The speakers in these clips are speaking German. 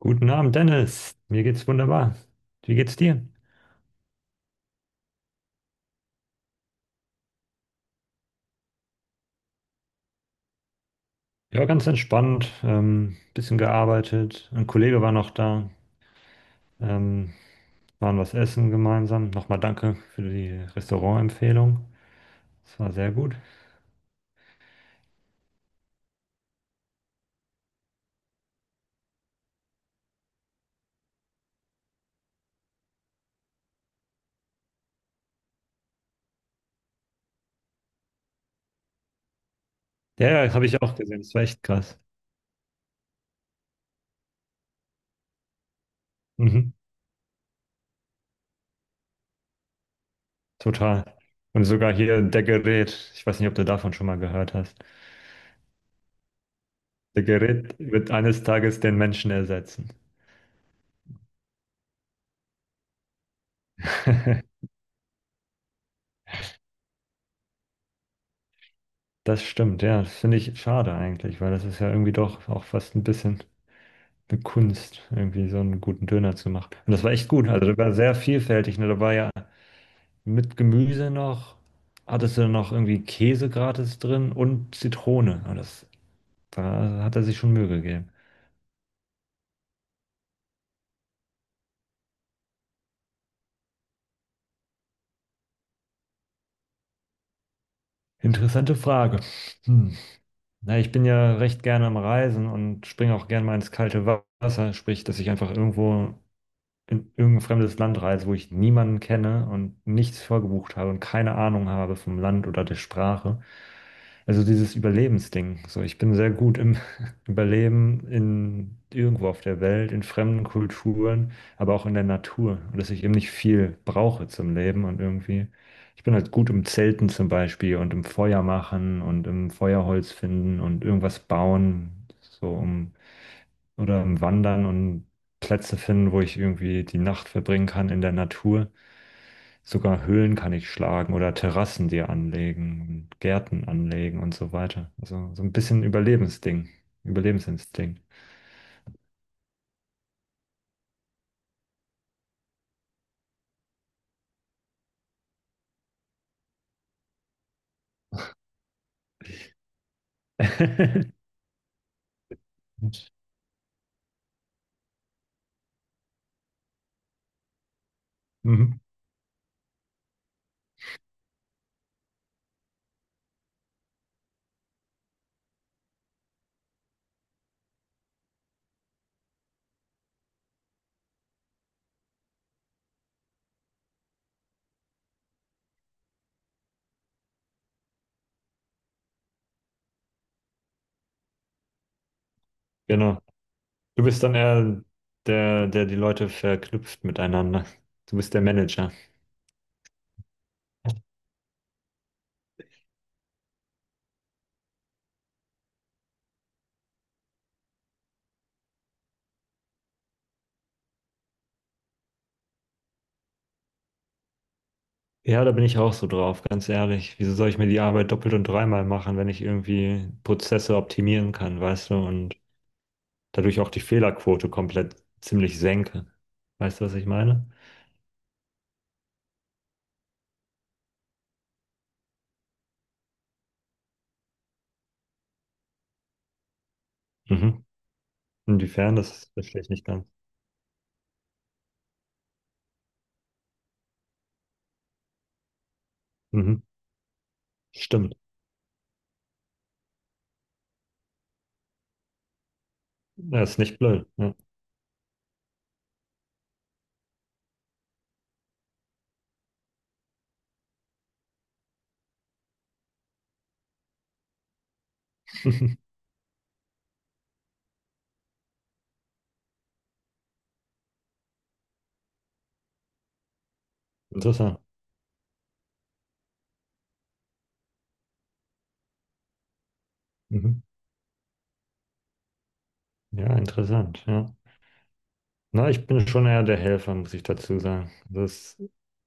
Guten Abend, Dennis. Mir geht's wunderbar. Wie geht's dir? Ja, ganz entspannt. Bisschen gearbeitet. Ein Kollege war noch da. Ähm, waren was essen gemeinsam. Nochmal danke für die Restaurantempfehlung. Das war sehr gut. Ja, ja, habe ich auch gesehen. Das war echt krass. Mhm, total. Und sogar hier der Gerät. Ich weiß nicht, ob du davon schon mal gehört hast. Der Gerät wird eines Tages den Menschen ersetzen. Das stimmt, ja. Das finde ich schade eigentlich, weil das ist ja irgendwie doch auch fast ein bisschen eine Kunst, irgendwie so einen guten Döner zu machen. Und das war echt gut. Also, das war sehr vielfältig. Ne? Da war ja mit Gemüse noch, hattest du noch irgendwie Käse gratis drin und Zitrone. Und das, da hat er sich schon Mühe gegeben. Interessante Frage. Hm. Na, ich bin ja recht gerne am Reisen und springe auch gerne mal ins kalte Wasser, sprich, dass ich einfach irgendwo in irgendein fremdes Land reise, wo ich niemanden kenne und nichts vorgebucht habe und keine Ahnung habe vom Land oder der Sprache. Also dieses Überlebensding. So, ich bin sehr gut im Überleben in irgendwo auf der Welt, in fremden Kulturen, aber auch in der Natur. Und dass ich eben nicht viel brauche zum Leben und irgendwie. Ich bin halt gut im Zelten zum Beispiel und im Feuer machen und im Feuerholz finden und irgendwas bauen, so um, oder im Wandern und Plätze finden, wo ich irgendwie die Nacht verbringen kann in der Natur. Sogar Höhlen kann ich schlagen oder Terrassen dir anlegen und Gärten anlegen und so weiter. Also so ein bisschen Überlebensding, Überlebensinstinkt. Mhm. Genau. Du bist dann eher der, der die Leute verknüpft miteinander. Du bist der Manager. Ja, da bin ich auch so drauf, ganz ehrlich. Wieso soll ich mir die Arbeit doppelt und dreimal machen, wenn ich irgendwie Prozesse optimieren kann, weißt du, und dadurch auch die Fehlerquote komplett ziemlich senke. Weißt du, was ich meine? Mhm. Inwiefern, das verstehe ich nicht ganz. Mhm. Stimmt. Das ist nicht blöd. Ja. Interessant. Mhm. Ja, interessant. Ja. Na, ich bin schon eher der Helfer, muss ich dazu sagen. Das,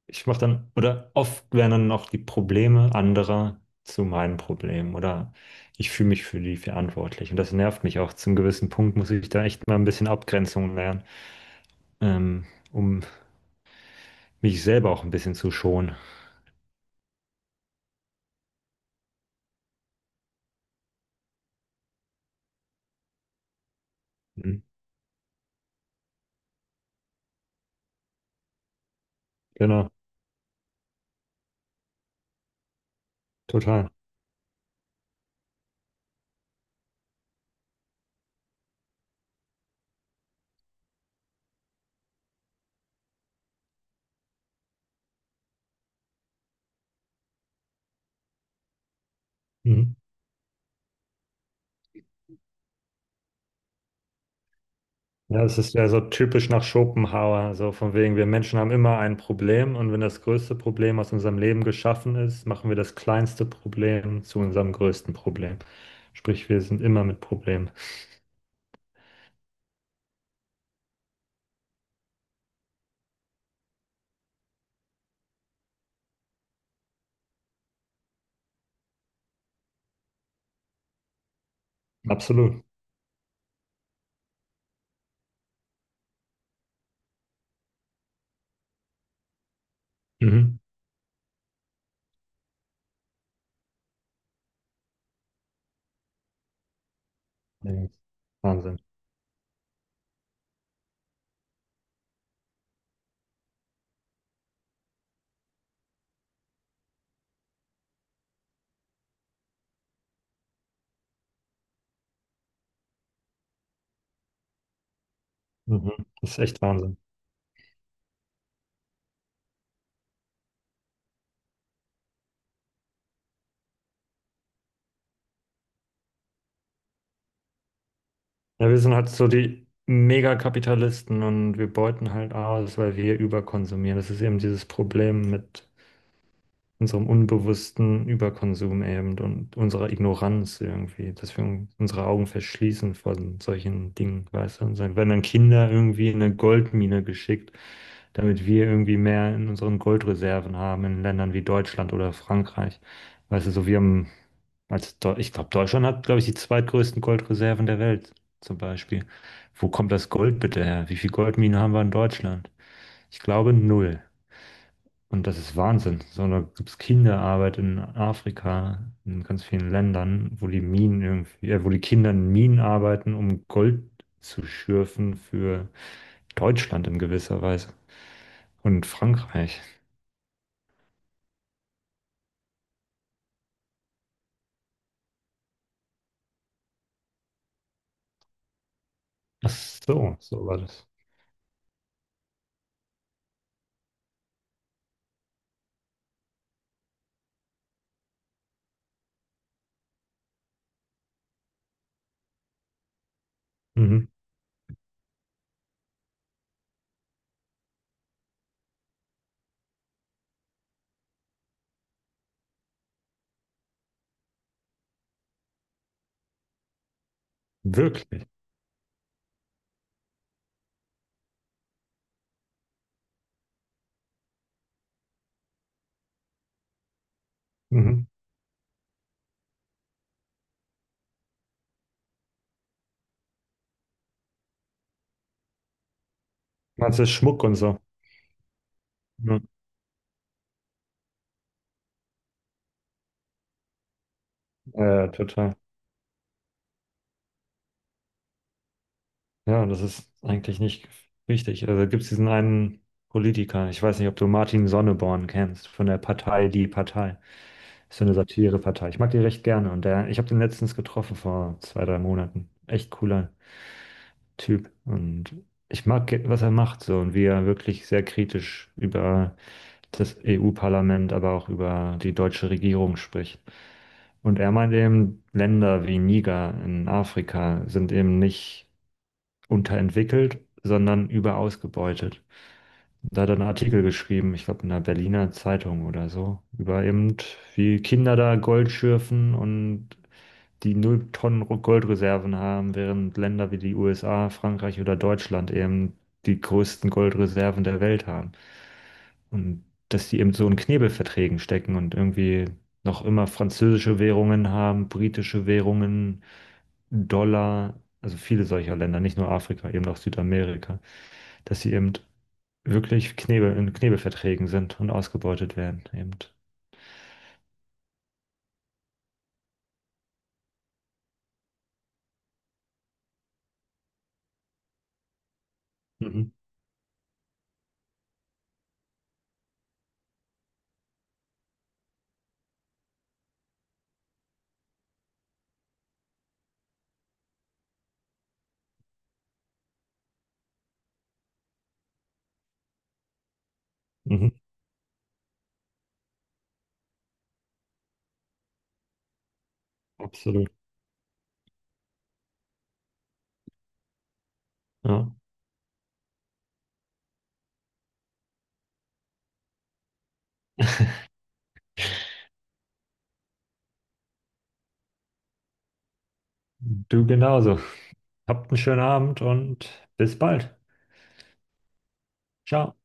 ich mache dann, oder oft werden dann noch die Probleme anderer zu meinen Problemen oder ich fühle mich für die verantwortlich. Und das nervt mich auch. Zum gewissen Punkt muss ich da echt mal ein bisschen Abgrenzung lernen, ähm, um mich selber auch ein bisschen zu schonen. Mhm. Genau, total. Mhm. Ja, das ist ja so typisch nach Schopenhauer, so von wegen, wir Menschen haben immer ein Problem und wenn das größte Problem aus unserem Leben geschaffen ist, machen wir das kleinste Problem zu unserem größten Problem. Sprich, wir sind immer mit Problemen. Absolut. Mhm. Ja, Wahnsinn. Mhm. Das ist echt Wahnsinn. Ja, wir sind halt so die Megakapitalisten und wir beuten halt aus, weil wir überkonsumieren. Das ist eben dieses Problem mit unserem unbewussten Überkonsum eben und unserer Ignoranz irgendwie, dass wir unsere Augen verschließen von solchen Dingen, weißt du? Und dann werden dann Kinder irgendwie in eine Goldmine geschickt, damit wir irgendwie mehr in unseren Goldreserven haben, in Ländern wie Deutschland oder Frankreich. Weißt du, so wir haben, als Deu ich glaube, Deutschland hat, glaube ich, die zweitgrößten Goldreserven der Welt zum Beispiel. Wo kommt das Gold bitte her? Wie viel Goldminen haben wir in Deutschland? Ich glaube, null. Und das ist Wahnsinn. So, da gibt es Kinderarbeit in Afrika, in ganz vielen Ländern, wo die Minen irgendwie, wo die Kinder in Minen arbeiten, um Gold zu schürfen für Deutschland in gewisser Weise und Frankreich. Ach so, so war das. Mhm. Wirklich. Mhm. Also Schmuck und so. Mhm. Ja, ja, total. Ja, das ist eigentlich nicht richtig. Also gibt es diesen einen Politiker, ich weiß nicht, ob du Martin Sonneborn kennst, von der Partei Die Partei. Ist so eine Satirepartei. Ich mag die recht gerne und der, ich habe den letztens getroffen vor 2, 3 Monaten. Echt cooler Typ und ich mag, was er macht so und wie er wirklich sehr kritisch über das EU-Parlament, aber auch über die deutsche Regierung spricht. Und er meint eben, Länder wie Niger in Afrika sind eben nicht unterentwickelt, sondern überausgebeutet. Da hat er einen Artikel geschrieben, ich glaube in der Berliner Zeitung oder so, über eben, wie Kinder da Gold schürfen und die 0 Tonnen Goldreserven haben, während Länder wie die USA, Frankreich oder Deutschland eben die größten Goldreserven der Welt haben. Und dass die eben so in Knebelverträgen stecken und irgendwie noch immer französische Währungen haben, britische Währungen, Dollar, also viele solcher Länder, nicht nur Afrika, eben auch Südamerika, dass sie eben wirklich Knebel, in Knebelverträgen sind und ausgebeutet werden, eben. Mhm. Mhm. Absolut. Ja. Du genauso. Habt einen schönen Abend und bis bald. Ciao.